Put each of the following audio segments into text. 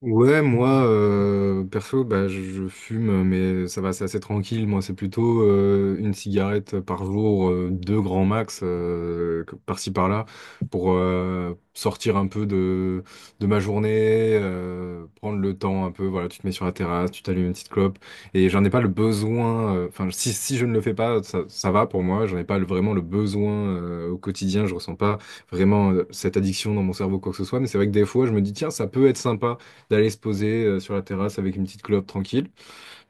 Ouais, moi, perso, bah, je fume, mais ça va, c'est assez tranquille. Moi, c'est plutôt une cigarette par jour, deux grands max, par-ci par-là, pour sortir un peu de ma journée, prendre le temps un peu. Voilà, tu te mets sur la terrasse, tu t'allumes une petite clope, et j'en ai pas le besoin. Enfin, si je ne le fais pas, ça va pour moi. J'en ai pas le- Vraiment le besoin au quotidien. Je ressens pas vraiment cette addiction dans mon cerveau, quoi que ce soit. Mais c'est vrai que des fois, je me dis, tiens, ça peut être sympa d'aller se poser sur la terrasse avec une petite clope tranquille.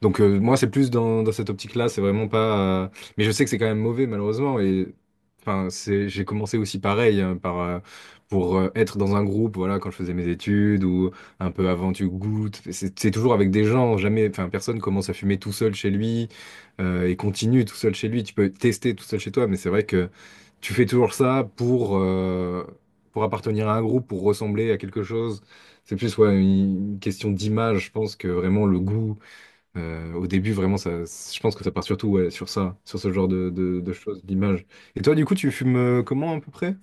Donc moi, c'est plus dans, dans cette optique-là, c'est vraiment pas... Mais je sais que c'est quand même mauvais, malheureusement. Et enfin, c'est, j'ai commencé aussi pareil, hein, pour être dans un groupe, voilà, quand je faisais mes études, ou un peu avant, tu goûtes. C'est toujours avec des gens, jamais... Enfin, personne commence à fumer tout seul chez lui, et continue tout seul chez lui. Tu peux tester tout seul chez toi, mais c'est vrai que tu fais toujours ça pour appartenir à un groupe, pour ressembler à quelque chose. C'est plus ouais, une question d'image, je pense que vraiment le goût. Au début, vraiment, ça, je pense que ça part surtout ouais, sur ça, sur ce genre de choses, d'image. Et toi, du coup, tu fumes comment à peu près?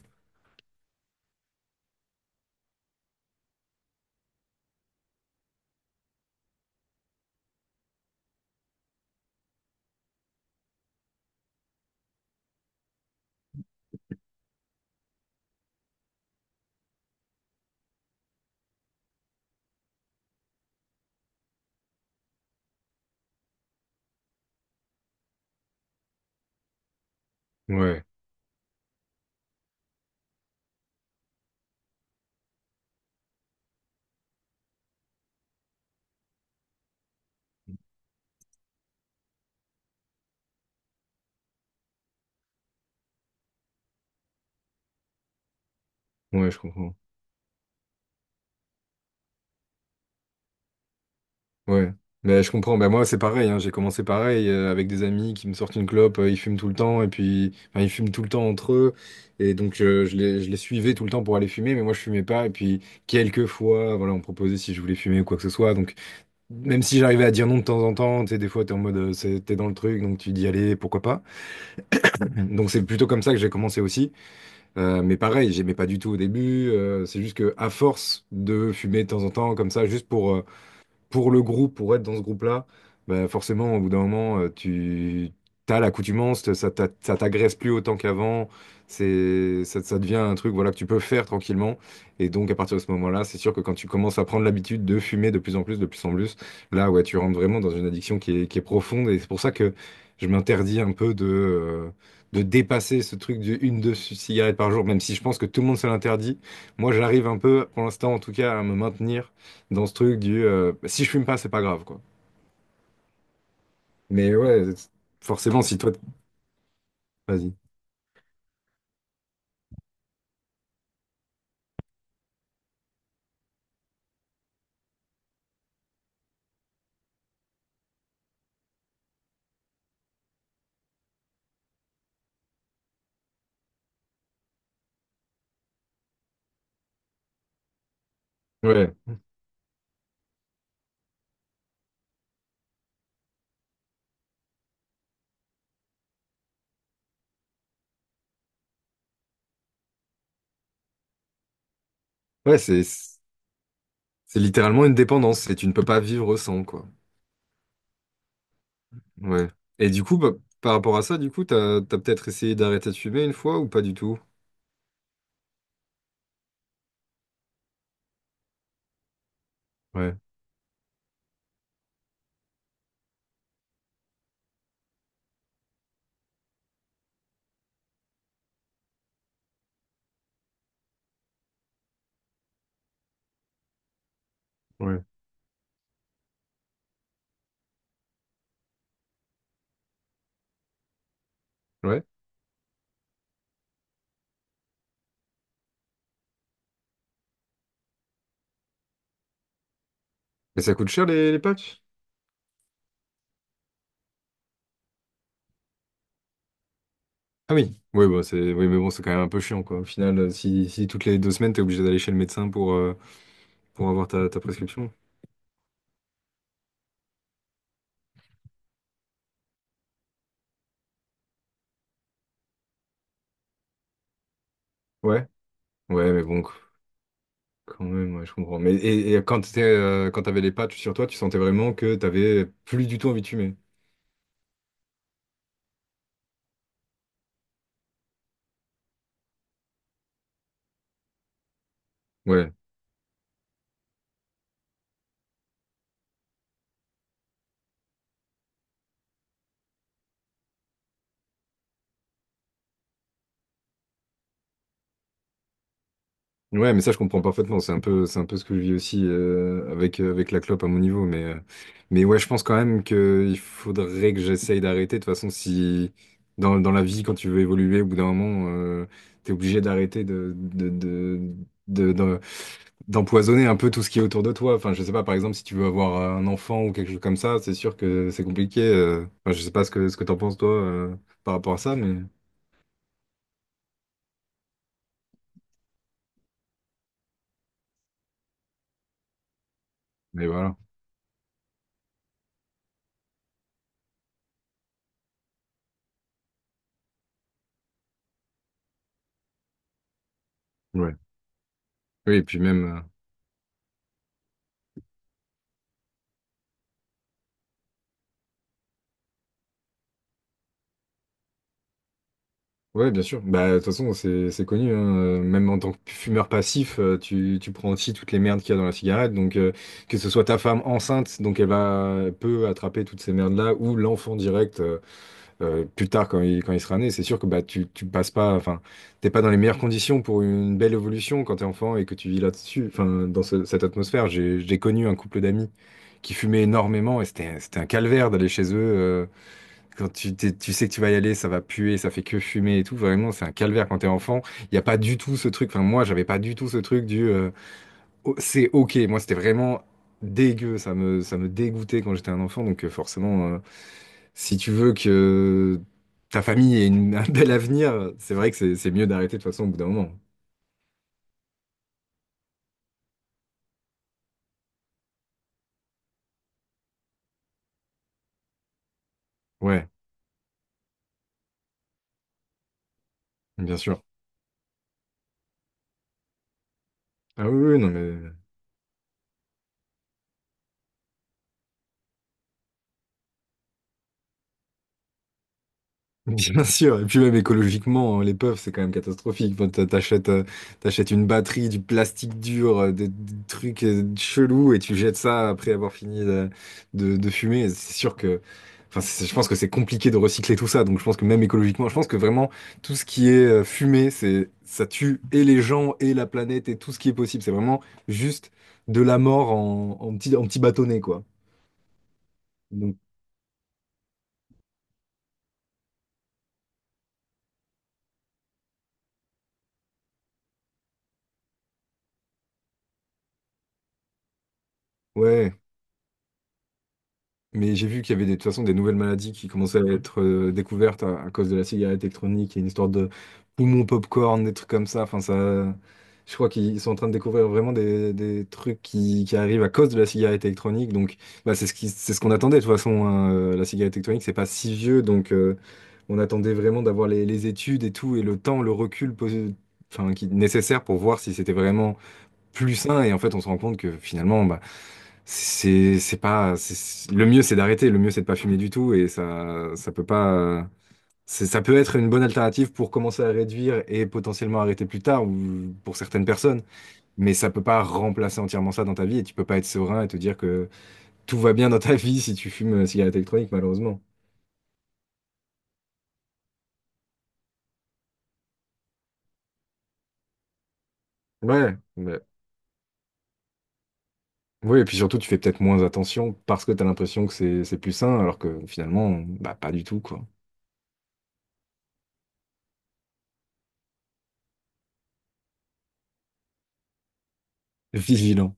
Ouais, ouais, je comprends. Ouais, mais je comprends. Ben moi, c'est pareil, hein. J'ai commencé pareil avec des amis qui me sortent une clope. Ils fument tout le temps et puis, enfin, ils fument tout le temps entre eux. Et donc, je les suivais tout le temps pour aller fumer, mais moi, je fumais pas. Et puis, quelques fois, voilà, on me proposait si je voulais fumer ou quoi que ce soit. Donc, même si j'arrivais à dire non de temps en temps, tu sais, des fois, t'es en mode, c'est- t'es dans le truc, donc tu dis allez, pourquoi pas. Donc c'est plutôt comme ça que j'ai commencé aussi. Mais pareil, j'aimais pas du tout au début. C'est juste que à force de fumer de temps en temps comme ça, juste pour le groupe, pour être dans ce groupe-là, bah, forcément, au bout d'un moment, tu as l'accoutumance, ça t'agresse plus autant qu'avant, ça devient un truc voilà, que tu peux faire tranquillement. Et donc, à partir de ce moment-là, c'est sûr que quand tu commences à prendre l'habitude de fumer de plus en plus, de plus en plus, là, ouais, tu rentres vraiment dans une addiction qui est profonde. Et c'est pour ça que je m'interdis un peu de dépasser ce truc du une, deux cigarettes par jour, même si je pense que tout le monde se l'interdit. Moi, j'arrive un peu, pour l'instant en tout cas, à me maintenir dans ce truc du bah, si je fume pas, c'est pas grave, quoi. Mais ouais, forcément, si toi, t- vas-y. Ouais, ouais, c'est littéralement une dépendance et tu ne peux pas vivre sans, quoi. Ouais. Et du coup, bah, par rapport à ça, du coup, t'as peut-être essayé d'arrêter de fumer une fois ou pas du tout? Ouais, ouais, ouais. Mais ça coûte cher les patchs? Ah oui, oui, bah, oui, mais bon, c'est quand même un peu chiant, quoi. Au final, si, si toutes les deux semaines, t'es obligé d'aller chez le médecin pour avoir ta prescription. Ouais, ouais, mais bon. Quand même, ouais, je comprends. Mais et quand quand t'avais les patchs sur toi, tu sentais vraiment que t'avais plus du tout envie de fumer. Ouais. Ouais, mais ça, je comprends parfaitement. C'est un peu ce que je vis aussi avec, avec la clope à mon niveau. Mais ouais, je pense quand même qu'il faudrait que j'essaye d'arrêter. De toute façon, si dans, dans la vie, quand tu veux évoluer, au bout d'un moment, t'es obligé d'arrêter de, de- d'empoisonner un peu tout ce qui est autour de toi. Enfin, je sais pas, par exemple, si tu veux avoir un enfant ou quelque chose comme ça, c'est sûr que c'est compliqué. Enfin, je sais pas ce que t'en penses toi par rapport à ça, mais voilà. Ouais. Oui, et puis même. Ouais, bien sûr. Bah, de toute façon, c'est connu, hein. Même en tant que fumeur passif, tu prends aussi toutes les merdes qu'il y a dans la cigarette. Donc, que ce soit ta femme enceinte, donc elle peut attraper toutes ces merdes-là, ou l'enfant direct. Plus tard quand il sera né, c'est sûr que bah, tu passes pas, enfin, t'es pas dans les meilleures conditions pour une belle évolution quand t'es enfant et que tu vis là-dessus, enfin, cette atmosphère. J'ai connu un couple d'amis qui fumaient énormément et c'était un calvaire d'aller chez eux. Quand tu sais que tu vas y aller, ça va puer, ça fait que fumer et tout. Vraiment, c'est un calvaire quand t'es enfant. Il n'y a pas du tout ce truc, enfin, moi, j'avais pas du tout ce truc du Oh, c'est ok. Moi, c'était vraiment dégueu, ça me dégoûtait quand j'étais un enfant, donc forcément. Si tu veux que ta famille ait une- un bel avenir, c'est vrai que c'est mieux d'arrêter de toute façon au bout d'un moment. Ouais, bien sûr. Ah oui, oui, non mais bien sûr, et puis même écologiquement, hein, les puffs, c'est quand même catastrophique. Enfin, t'achètes, t'achètes une batterie, du plastique dur, des trucs chelous, et tu jettes ça après avoir fini de fumer. C'est sûr que, enfin, je pense que c'est compliqué de recycler tout ça. Donc, je pense que même écologiquement, je pense que vraiment tout ce qui est fumé, c'est, ça tue et les gens et la planète et tout ce qui est possible. C'est vraiment juste de la mort en, en petit bâtonnet, quoi. Donc, ouais. Mais j'ai vu qu'il y avait des, de toute façon des nouvelles maladies qui commençaient à être découvertes à cause de la cigarette électronique et une histoire de poumon popcorn, des trucs comme ça. Enfin, ça, je crois qu'ils sont en train de découvrir vraiment des trucs qui arrivent à cause de la cigarette électronique. Donc, bah, c'est ce qu'on attendait de toute façon, hein. La cigarette électronique, c'est pas si vieux, donc on attendait vraiment d'avoir les études et tout et le temps, enfin, qui, nécessaire pour voir si c'était vraiment plus sain. Et en fait, on se rend compte que finalement, bah, c'est pas c'est- le mieux c'est d'arrêter, le mieux c'est de pas fumer du tout et ça ça peut pas c'est- ça peut être une bonne alternative pour commencer à réduire et potentiellement arrêter plus tard ou pour certaines personnes, mais ça peut pas remplacer entièrement ça dans ta vie et tu peux pas être serein et te dire que tout va bien dans ta vie si tu fumes une cigarette électronique malheureusement. Ouais, mais- Oui, et puis surtout tu fais peut-être moins attention parce que tu as l'impression que c'est plus sain alors que finalement bah pas du tout quoi. Vigilant.